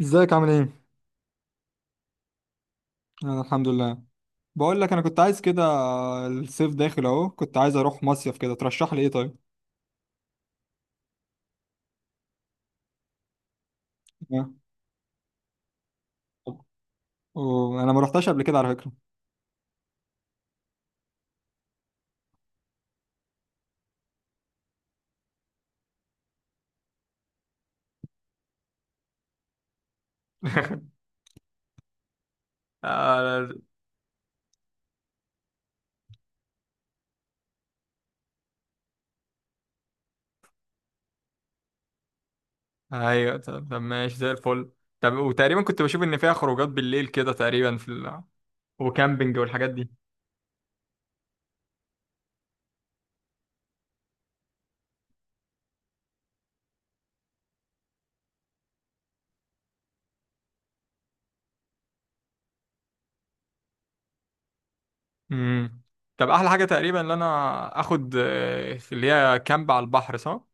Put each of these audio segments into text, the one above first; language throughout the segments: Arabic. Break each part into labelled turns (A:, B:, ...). A: ازيك، عامل ايه؟ انا الحمد لله. بقول لك انا كنت عايز كده، الصيف داخل اهو، كنت عايز اروح مصيف كده، ترشح لي ايه طيب؟ اه. وانا ما رحتش قبل كده على فكرة. آه، ايوه. طب ماشي زي الفل. طب وتقريبا كنت بشوف ان فيها خروجات بالليل كده، تقريبا في ال... وكامبينج والحاجات دي. امم، طب احلى حاجه تقريبا ان انا اخد، في اللي هي كامب على البحر، صح؟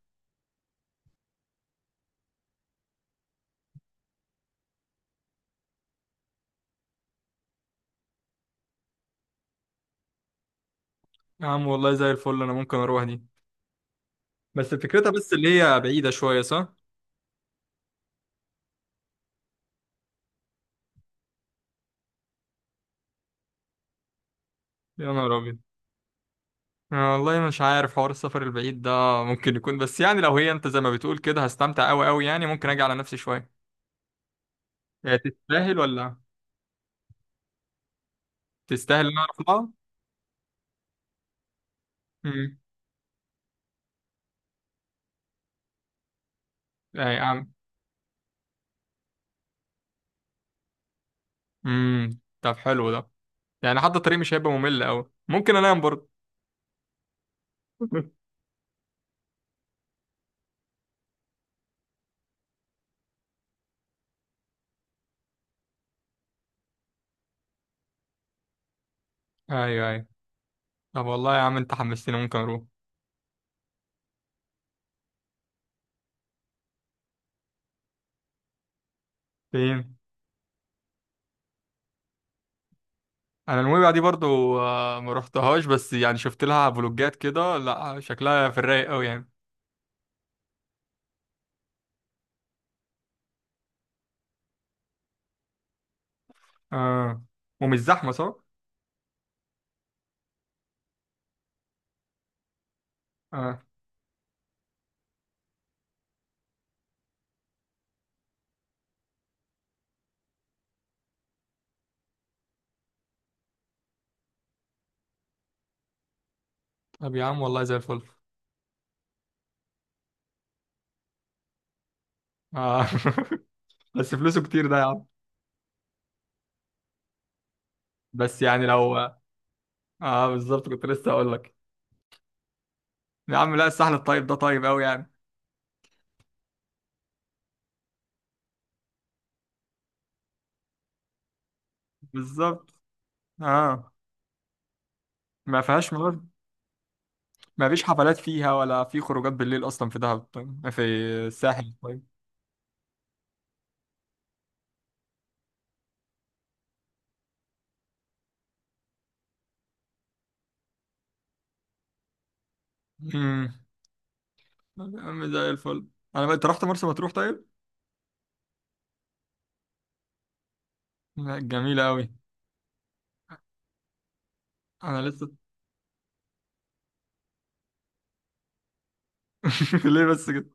A: يا عم والله زي الفل، انا ممكن اروح دي. بس فكرتها بس اللي هي بعيده شويه، صح؟ يا نهار ابيض. أنا والله مش عارف حوار السفر البعيد ده. ممكن يكون، بس يعني لو هي انت زي ما بتقول كده هستمتع قوي قوي، يعني ممكن اجي على نفسي شويه. هي تستاهل ولا تستاهل ان انا اطلعها؟ امم. اي عم. امم، طب حلو ده. يعني حتى الطريق مش هيبقى ممل قوي، ممكن انام برضه. ايوه ايوه. طب والله يا عم انت حمستني، ممكن اروح. فين؟ انا نويبع دي برضو، ما رحتهاش، بس يعني شفت لها فلوجات كده، لا شكلها في الرايق قوي يعني. اه، ومش زحمه، صح؟ اه. طب يا عم والله زي الفل. اه. بس فلوسه كتير ده يا عم. بس يعني لو... اه بالظبط، كنت لسه هقول لك. يا عم لا، الساحل الطيب ده طيب قوي يعني. بالظبط. اه. ما فيهاش مرض. ما فيش حفلات فيها ولا في خروجات بالليل اصلا في دهب طيب؟ في الساحل طيب؟ امم. يا عم زي الفل. انا بقى، انت رحت مرسى مطروح طيب؟ لا، جميله قوي. انا لسه... ليه بس كده؟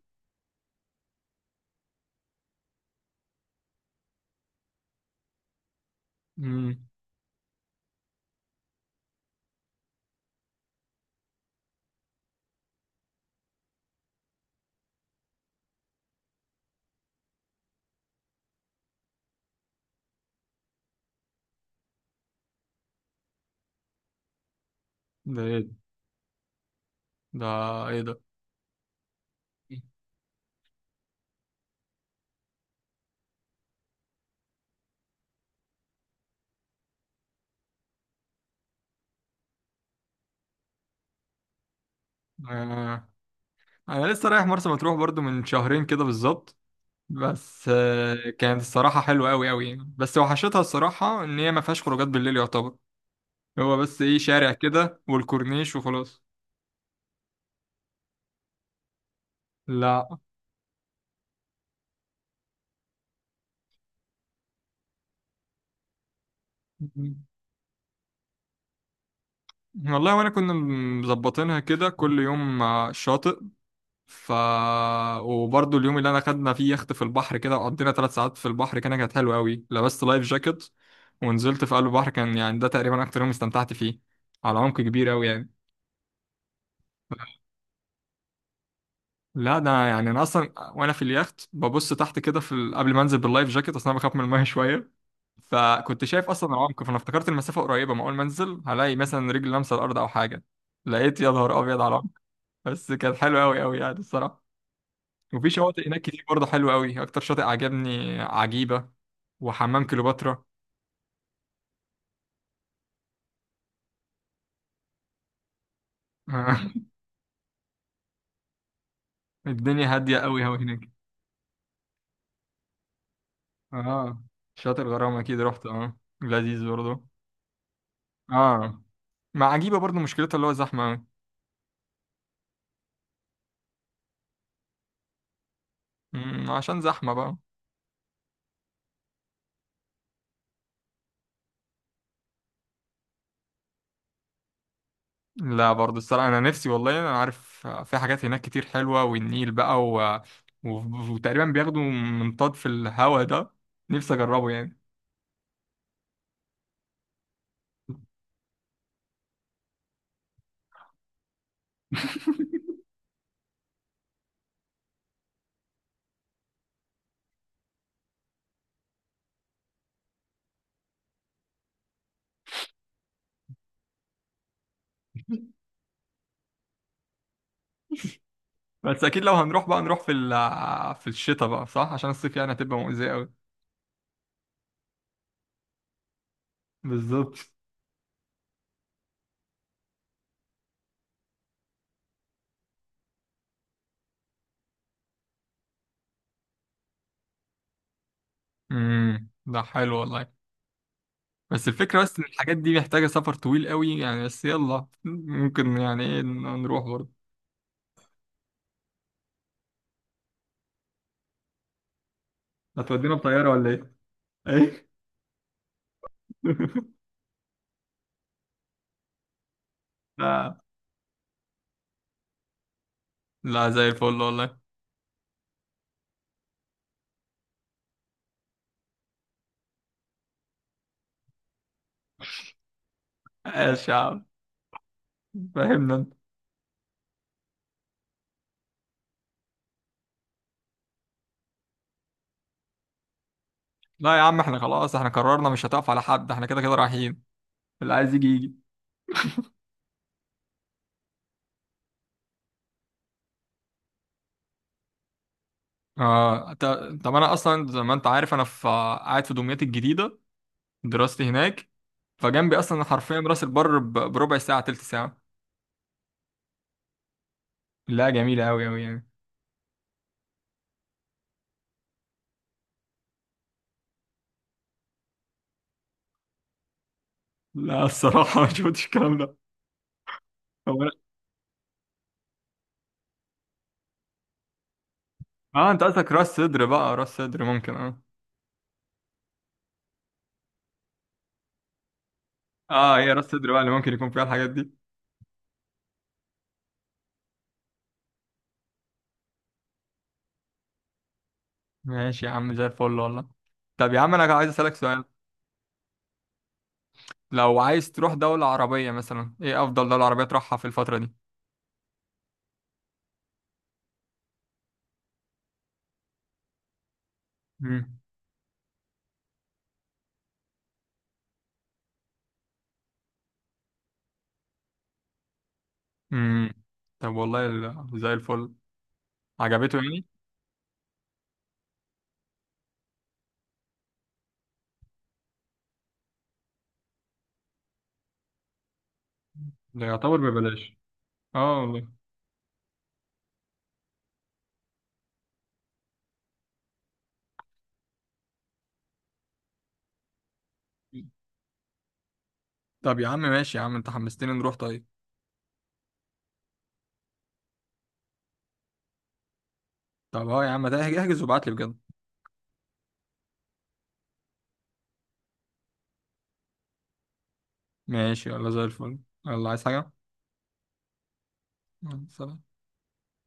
A: امم. ده ايه ده؟ ده ايه ده؟ آه. انا لسه رايح مرسى مطروح برضو من شهرين كده بالظبط. بس كانت الصراحة حلوة أوي أوي يعني، بس وحشتها الصراحة إن هي ما فيهاش خروجات بالليل يعتبر. هو بس إيه، شارع كده والكورنيش وخلاص. لا. والله وأنا كنا مظبطينها كده كل يوم، شاطئ. ف وبرضه اليوم اللي أنا خدنا فيه يخت في البحر كده وقضينا 3 ساعات في البحر، كانت حلوة أوي، لبست لايف جاكيت ونزلت في قلب البحر، كان يعني ده تقريبا أكتر يوم استمتعت فيه. على عمق كبير أوي يعني. لا ده يعني انا اصلا وانا في اليخت ببص تحت كده، قبل ما انزل باللايف جاكيت، اصلا انا بخاف من الميه شويه. فكنت شايف اصلا العمق، فانا افتكرت المسافه قريبه، ما اول ما انزل هلاقي مثلا رجل لامسه الارض او حاجه. لقيت يا نهار ابيض على العمق. بس كانت حلوه قوي قوي يعني الصراحه. وفي شواطئ هناك كتير برضه حلوه قوي، اكتر شاطئ عجبني عجيبه وحمام كليوباترا. الدنيا هاديه قوي قوي هناك. اه، شاطئ الغرام اكيد رحت، لذيذ برضه. اه، مع عجيبه برضه مشكلتها اللي هو زحمه. مم، عشان زحمة بقى. لا برضه الصراحة أنا نفسي، والله أنا عارف في حاجات هناك كتير حلوة، والنيل بقى و... و... وتقريبا بياخدوا منطاد في الهوا ده، نفسي أجربه يعني. بس أكيد لو هنروح بقى نروح في ال... في الشتاء بقى، صح؟ عشان الصيف يعني هتبقى مؤذية أوي. بالظبط. امم، ده حلو والله. بس الفكرة بس إن الحاجات دي محتاجة سفر طويل أوي يعني، بس يلا ممكن يعني إيه، نروح برضه. هتودينا بطيارة ولا إيه؟ إيه؟ لا. لا زي الفل والله. ايش يا عم، فهمنا انت. لا يا عم احنا خلاص، احنا قررنا مش هتقف على حد، احنا كده كده رايحين. اللي عايز يجي يجي. اه. طب انا اصلا زي ما انت عارف، انا في قاعد في دمياط الجديده، دراستي هناك. فجنبي اصلا حرفيا راس البر بربع ساعه، تلت ساعه. لا جميله قوي قوي يعني. لا الصراحه ما شفتش الكلام ده. هو أنا- اه، انت قصدك راس صدر، بقى راس صدر ممكن، اه. اه، هي راس صدر بقى اللي ممكن يكون فيها الحاجات دي. ماشي يا عم زي الفل والله. طب يا عم انا عايز اسالك سؤال. لو عايز تروح دولة عربية مثلا، ايه افضل دولة عربية تروحها في الفترة دي؟ مم. مم. طب والله زي الفل، عجبته يعني؟ ده يعتبر ببلاش. اه والله. طب يا عم ماشي، يا عم انت حمستني نروح طيب. طب اه يا عم، ده احجز وابعت لي بجد. ماشي يلا زي الفل. يلا، عايز حاجة؟ يلا، سلام.